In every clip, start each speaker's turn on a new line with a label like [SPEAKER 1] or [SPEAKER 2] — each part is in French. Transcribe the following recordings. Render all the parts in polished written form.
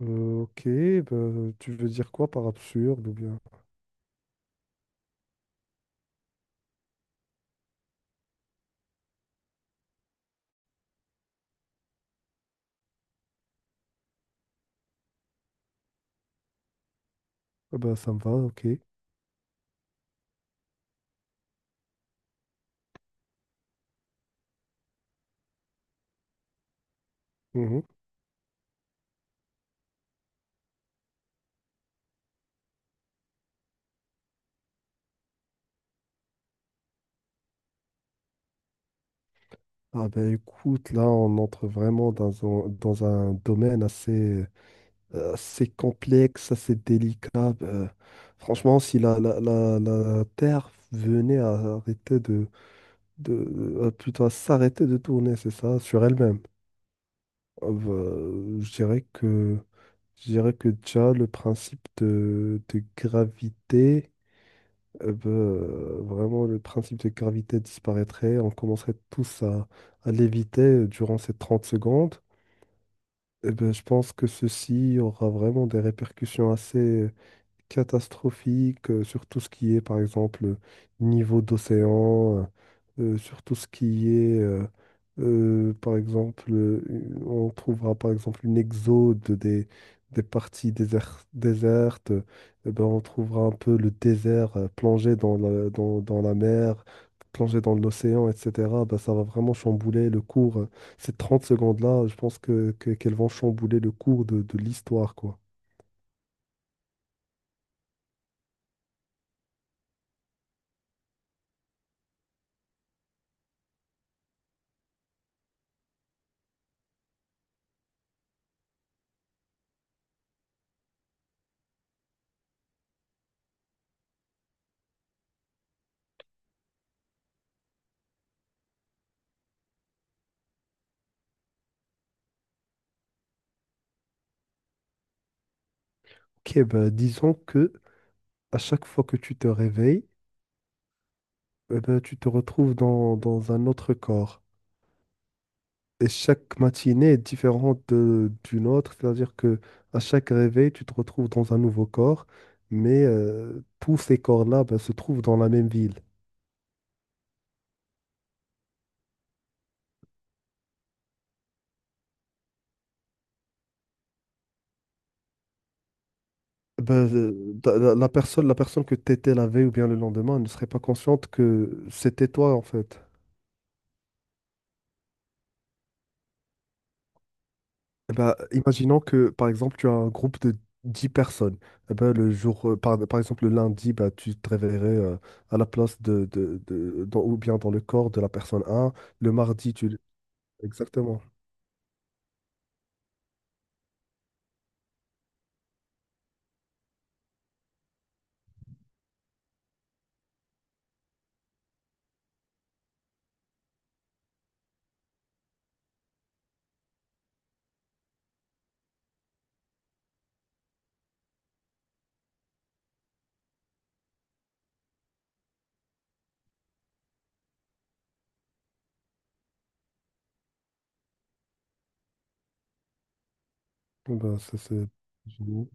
[SPEAKER 1] Ok. Tu veux dire quoi par absurde ou bien? Ah bah, ça me va, ok. Mhm. Ah ben écoute, là on entre vraiment dans un domaine assez, assez complexe, assez délicat. Bah, franchement, si la Terre venait à arrêter de à plutôt à s'arrêter de tourner, c'est ça, sur elle-même, ah bah, je dirais que je dirais que déjà le principe de gravité. Eh ben, vraiment, le principe de gravité disparaîtrait. On commencerait tous à léviter durant ces 30 secondes. Eh ben, je pense que ceci aura vraiment des répercussions assez, catastrophique sur tout ce qui est, par exemple, niveau d'océan, sur tout ce qui est, par exemple, on trouvera par exemple une exode des, des parties déser- désertes, ben, on trouvera un peu le désert plongé dans dans la mer, plongé dans l'océan, etc. Ben, ça va vraiment chambouler le cours. Ces 30 secondes-là, je pense qu'elles vont chambouler le cours de l'histoire, quoi. Ok, ben disons que à chaque fois que tu te réveilles, eh ben, tu te retrouves dans, dans un autre corps. Et chaque matinée est différente d'une autre, c'est-à-dire que à chaque réveil, tu te retrouves dans un nouveau corps, mais tous ces corps-là ben, se trouvent dans la même ville. Ben, la, la personne que tu étais la veille ou bien le lendemain ne serait pas consciente que c'était toi en fait. Eh ben, imaginons que, par exemple, tu as un groupe de 10 personnes. Eh ben, le jour, par exemple, le lundi, bah, tu te réveillerais à la place ou bien dans le corps de la personne un. Le mardi, tu... Exactement. Eh ben, ça, c'est génial.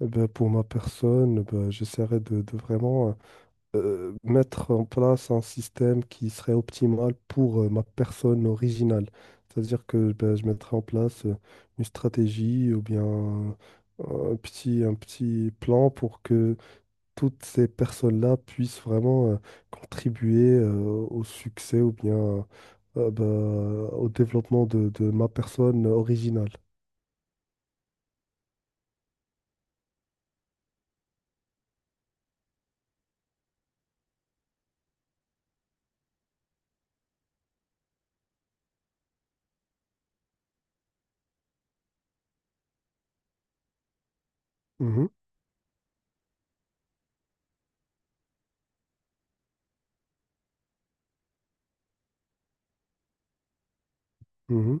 [SPEAKER 1] Eh ben, pour ma personne, eh ben, j'essaierai de vraiment... Mettre en place un système qui serait optimal pour ma personne originale. C'est-à-dire que ben, je mettrais en place une stratégie ou bien un petit plan pour que toutes ces personnes-là puissent vraiment contribuer au succès ou bien euh, ben, au développement de ma personne originale. Mhm, mhm.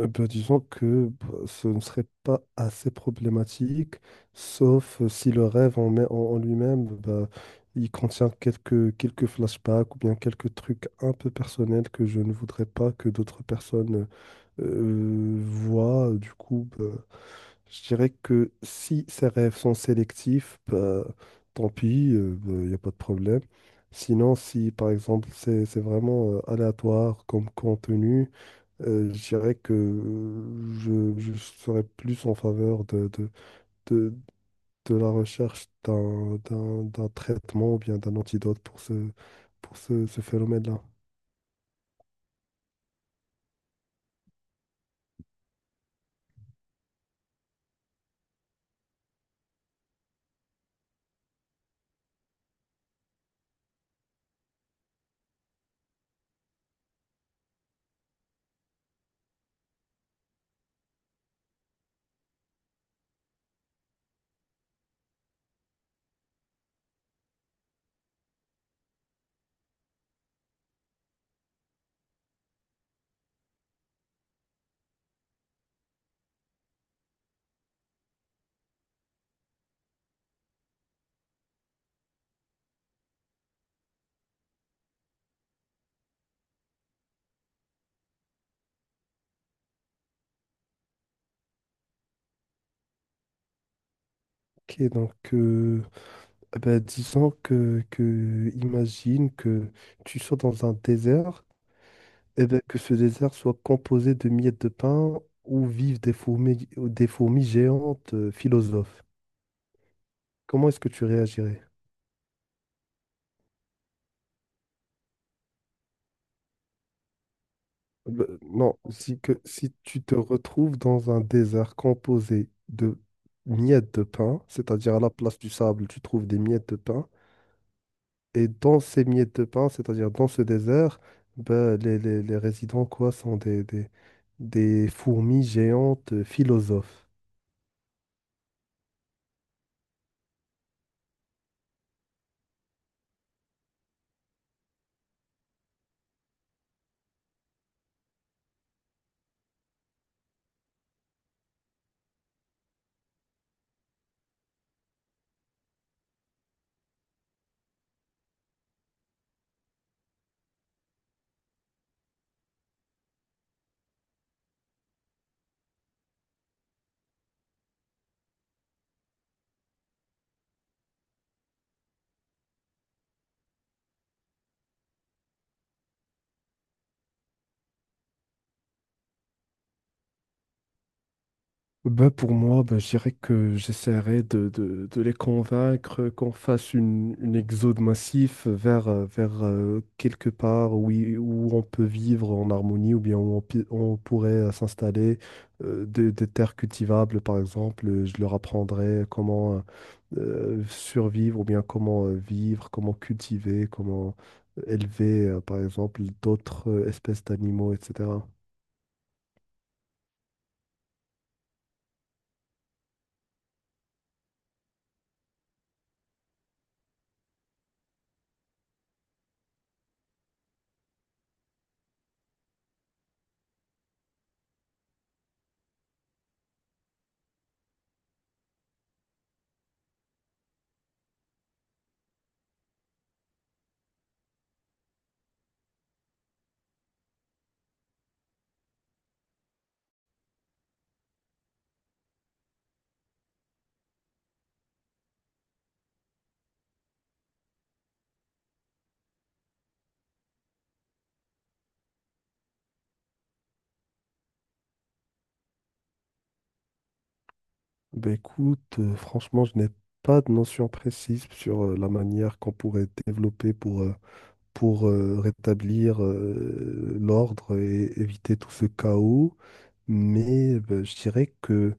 [SPEAKER 1] Ben, disons que bah, ce ne serait pas assez problématique, sauf si le rêve en lui-même, bah, il contient quelques, quelques flashbacks ou bien quelques trucs un peu personnels que je ne voudrais pas que d'autres personnes voient. Du coup, bah, je dirais que si ces rêves sont sélectifs, bah, tant pis, bah, il n'y a pas de problème. Sinon, si par exemple c'est vraiment aléatoire comme contenu, je dirais que je serais plus en faveur de, de la recherche d'un traitement ou bien d'un antidote pour ce, ce phénomène-là. Ok, donc eh ben, disons que imagine que tu sois dans un désert et ben, que ce désert soit composé de miettes de pain où vivent des fourmis géantes philosophes. Comment est-ce que tu réagirais? Bah, non, si tu te retrouves dans un désert composé de miettes de pain, c'est-à-dire à la place du sable, tu trouves des miettes de pain, et dans ces miettes de pain, c'est-à-dire dans ce désert, bah, les résidents quoi, sont des fourmis géantes philosophes. Ben pour moi, ben je dirais que j'essaierai de les convaincre qu'on fasse une exode massif vers, vers quelque part où, où on peut vivre en harmonie ou bien où on, on pourrait s'installer, des terres cultivables par exemple. Je leur apprendrai comment survivre ou bien comment vivre, comment cultiver, comment élever par exemple d'autres espèces d'animaux, etc. Ben écoute, franchement, je n'ai pas de notion précise sur la manière qu'on pourrait développer pour, rétablir l'ordre et éviter tout ce chaos mais bah, je dirais que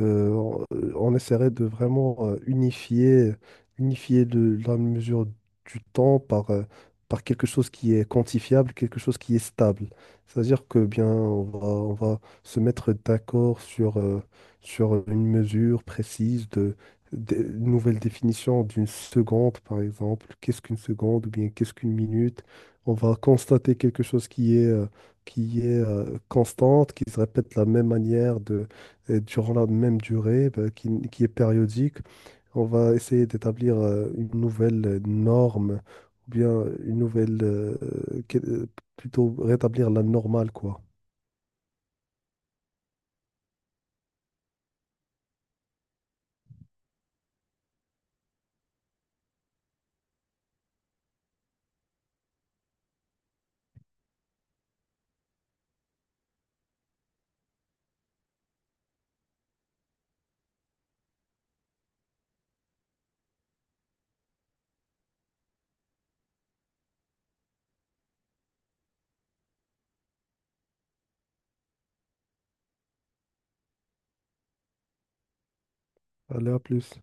[SPEAKER 1] on on essaierait de vraiment unifier, unifier de, la mesure du temps par, par quelque chose qui est quantifiable, quelque chose qui est stable. C'est-à-dire que bien, on va se mettre d'accord sur, sur une mesure précise une nouvelle définition d'une seconde, par exemple. Qu'est-ce qu'une seconde ou bien qu'est-ce qu'une minute? On va constater quelque chose qui est constante, qui se répète de la même manière de, et durant la même durée, bah, qui est périodique. On va essayer d'établir une nouvelle norme, ou bien une nouvelle, que- euh, plutôt rétablir la normale, quoi. Allez, à plus.